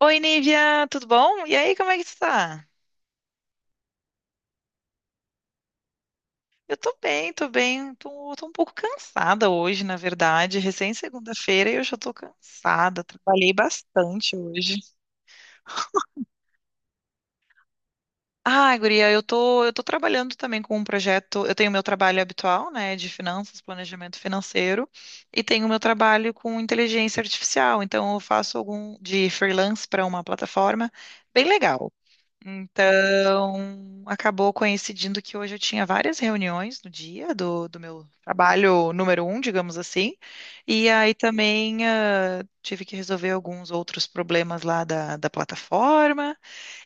Oi, Nívia, tudo bom? E aí, como é que tu tá? Eu tô bem, tô bem. Tô um pouco cansada hoje, na verdade. Recém segunda-feira e eu já tô cansada. Trabalhei bastante hoje. Ah, guria, eu tô trabalhando também com um projeto. Eu tenho meu trabalho habitual, né, de finanças, planejamento financeiro, e tenho meu trabalho com inteligência artificial. Então, eu faço algum de freelance para uma plataforma bem legal. Então, acabou coincidindo que hoje eu tinha várias reuniões no dia do meu trabalho número um, digamos assim. E aí também tive que resolver alguns outros problemas lá da plataforma.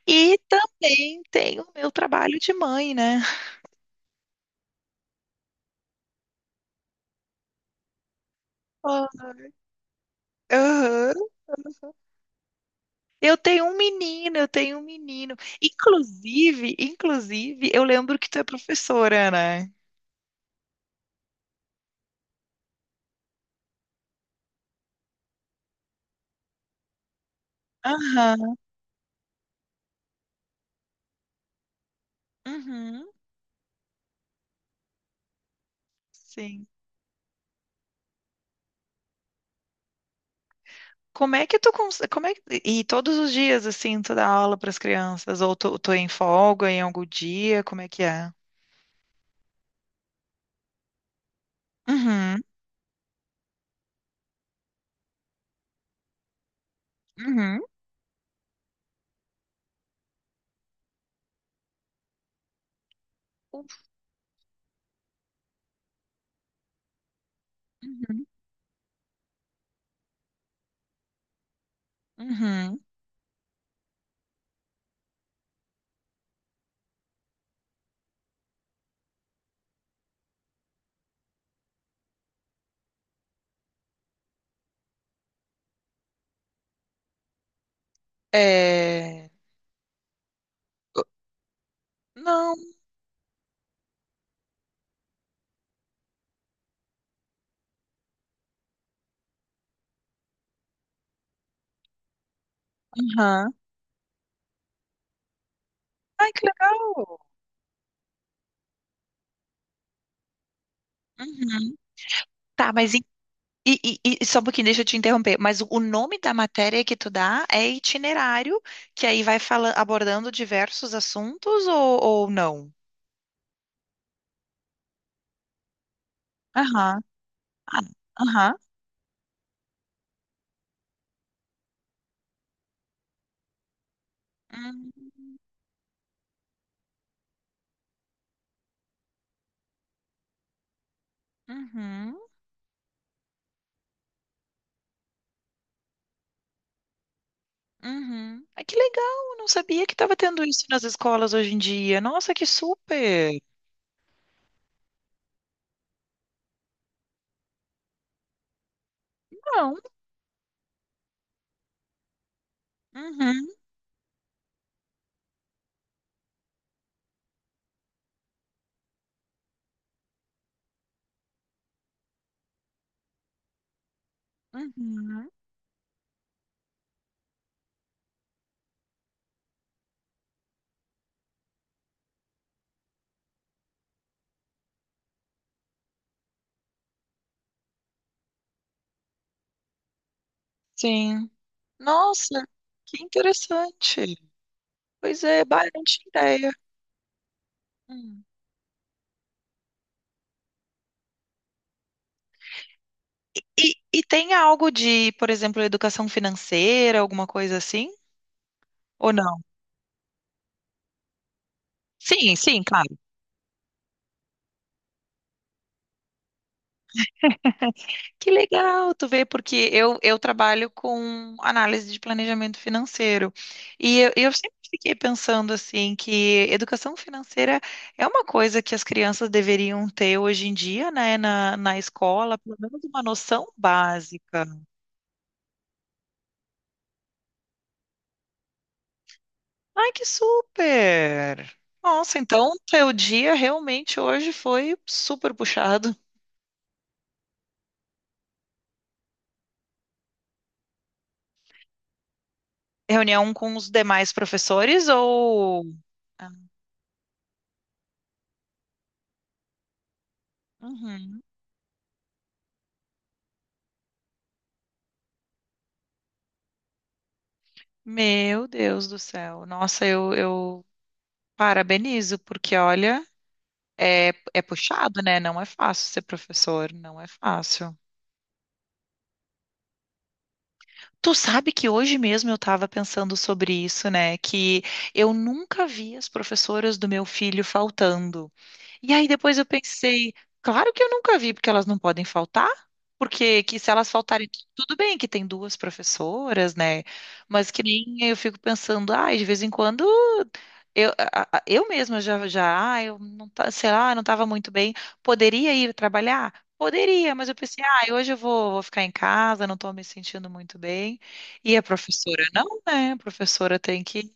E também tenho o meu trabalho de mãe, né? Ah. Aham. Eu tenho um menino, eu tenho um menino. Inclusive, inclusive, eu lembro que tu é professora, né? Aham. Uhum. Sim. Como é que tu cons... como é que... E todos os dias, assim, tu dá aula para as crianças? Ou tu é em folga em algum dia? Como é que é? Uhum, uhum, uhum, uhum. É... Não, uhum. Ai, que legal. Uhum. Tá, mas e, e só um pouquinho, deixa eu te interromper. Mas o nome da matéria que tu dá é itinerário, que aí vai fala, abordando diversos assuntos ou não? Aham, ah, aham. Hum. Uhum. Uhum. Ai, que legal, eu não sabia que estava tendo isso nas escolas hoje em dia. Nossa, que super! Não. Uhum. Uhum. Sim. Nossa, que interessante. Pois é, bah, eu não tinha ideia. Hum. E tem algo de, por exemplo, educação financeira, alguma coisa assim? Ou não? Sim, sim, claro. Que legal, tu vê, porque eu trabalho com análise de planejamento financeiro. E eu sempre fiquei pensando assim que educação financeira é uma coisa que as crianças deveriam ter hoje em dia, né, na escola, pelo menos uma noção básica. Ai, que super! Nossa, então teu dia realmente hoje foi super puxado. Reunião com os demais professores ou. Ah, uhum. Meu Deus do céu. Nossa, eu parabenizo, porque olha, é, é puxado, né? Não é fácil ser professor, não é fácil. Tu sabe que hoje mesmo eu estava pensando sobre isso, né? Que eu nunca vi as professoras do meu filho faltando. E aí depois eu pensei, claro que eu nunca vi, porque elas não podem faltar. Porque que se elas faltarem, tudo bem que tem duas professoras, né? Mas que nem eu fico pensando, ai, de vez em quando eu mesma eu não tá, sei lá, não estava muito bem. Poderia ir trabalhar? Poderia, mas eu pensei, ah, hoje eu vou ficar em casa, não estou me sentindo muito bem. E a professora não, né? A professora tem que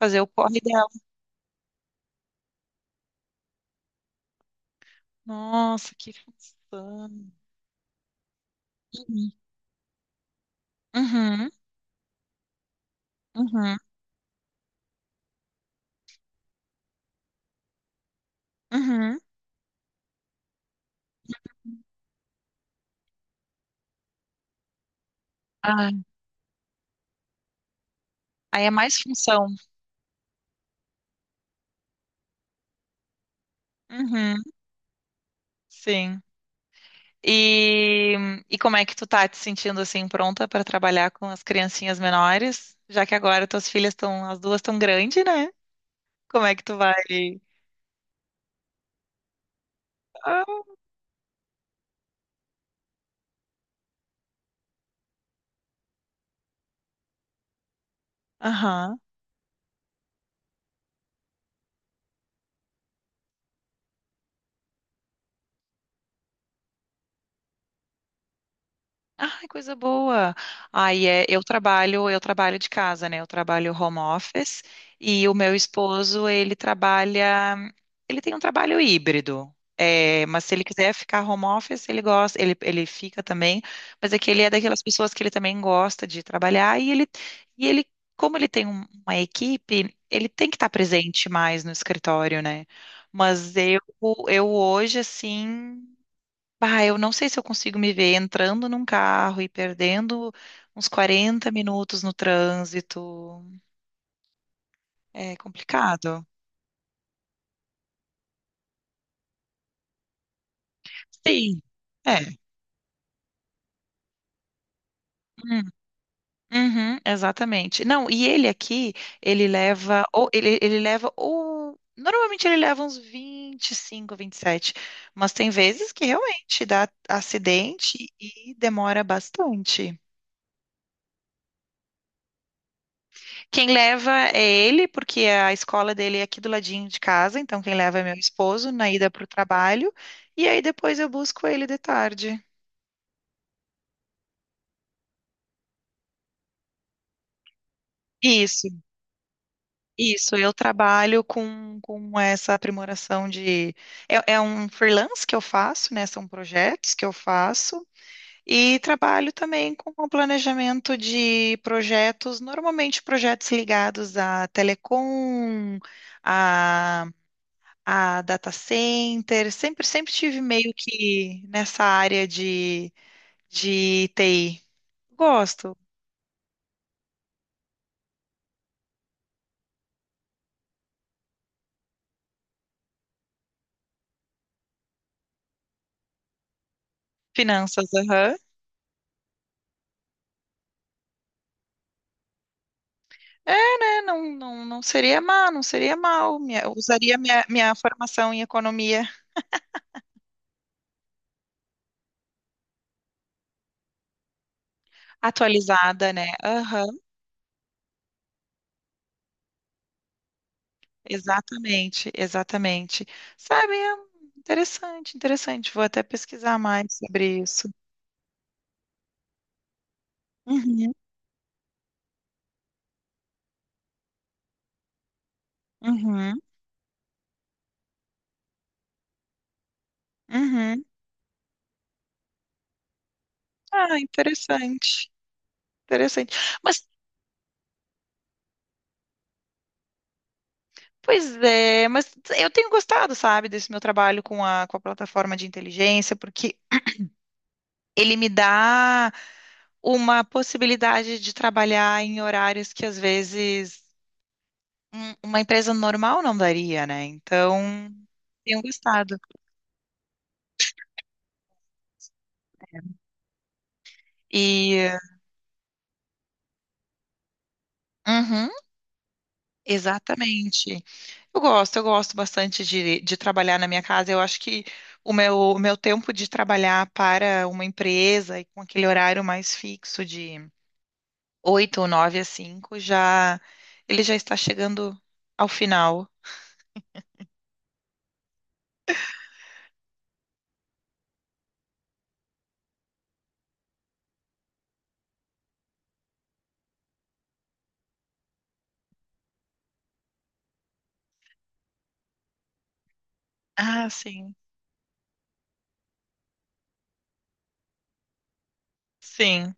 fazer o corre dela. Nossa, que função. Uhum. Uhum. Uhum, uhum. Ah, aí é mais função. Uhum, sim. E, e como é que tu tá te sentindo assim pronta para trabalhar com as criancinhas menores? Já que agora tuas filhas estão, as duas estão grandes, né? Como é que tu vai? Ah. Aham. Ai, coisa boa. Aí é, eu trabalho de casa, né? Eu trabalho home office e o meu esposo, ele trabalha, ele tem um trabalho híbrido. É, mas se ele quiser ficar home office, ele gosta, ele fica também, mas é que ele é daquelas pessoas que ele também gosta de trabalhar e ele, como ele tem uma equipe, ele tem que estar presente mais no escritório, né? Mas eu hoje, assim. Bah, eu não sei se eu consigo me ver entrando num carro e perdendo uns 40 minutos no trânsito. É complicado. Sim. É. Hum, uhum, exatamente. Não, e ele aqui, ele leva, ou normalmente ele leva uns 25, sete, mas tem vezes que realmente dá acidente e demora bastante. Quem leva é ele, porque a escola dele é aqui do ladinho de casa, então quem leva é meu esposo na ida para o trabalho, e aí depois eu busco ele de tarde. Isso, isso, eu trabalho com essa aprimoração de. É, é um freelance que eu faço, né? São projetos que eu faço, e trabalho também com o planejamento de projetos, normalmente projetos ligados a telecom, a data center, sempre, sempre tive meio que nessa área de TI. Gosto. Finanças, aham. É, né? Não, não, não seria mal, não seria mal. Eu usaria minha formação em economia atualizada, né? Aham, exatamente, exatamente. Sabe, é interessante, interessante. Vou até pesquisar mais sobre isso. Uhum, uhum, uhum. Ah, interessante, interessante. Mas pois é, mas eu tenho gostado, sabe, desse meu trabalho com a plataforma de inteligência, porque ele me dá uma possibilidade de trabalhar em horários que às vezes uma empresa normal não daria, né? Então, tenho gostado. E, uhum, exatamente. Eu gosto bastante de trabalhar na minha casa. Eu acho que o meu tempo de trabalhar para uma empresa e com aquele horário mais fixo de 8 ou 9 às 5, já ele já está chegando ao final. Ah, sim, sim.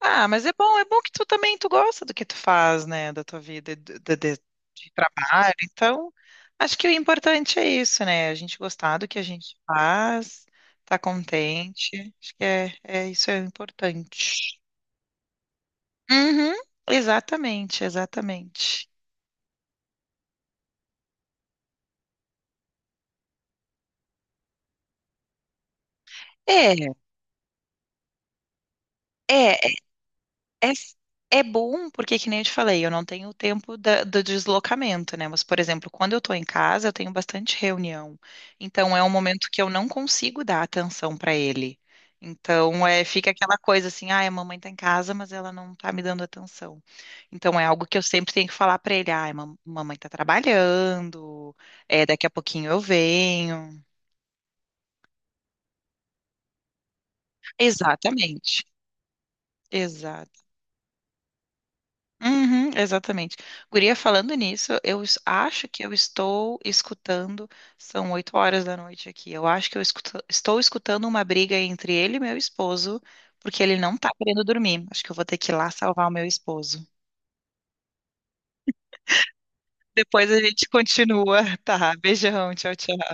Ah, mas é bom que tu também tu gosta do que tu faz, né, da tua vida, de trabalho. Então, acho que o importante é isso, né? A gente gostar do que a gente faz, tá contente. Acho que é, é isso é importante. Uhum, exatamente, exatamente. É, é, é, é bom, porque que nem eu te falei, eu não tenho o tempo do deslocamento, né? Mas, por exemplo, quando eu tô em casa, eu tenho bastante reunião. Então, é um momento que eu não consigo dar atenção para ele. Então, é, fica aquela coisa assim, ah, a mamãe tá em casa, mas ela não tá me dando atenção. Então, é algo que eu sempre tenho que falar para ele, ah, mamãe tá trabalhando, é, daqui a pouquinho eu venho. Exatamente. Uhum, exatamente. Guria, falando nisso, acho que eu estou escutando, são 8 horas da noite aqui, eu acho que estou escutando uma briga entre ele e meu esposo, porque ele não tá querendo dormir. Acho que eu vou ter que ir lá salvar o meu esposo. Depois a gente continua, tá? Beijão, tchau, tchau.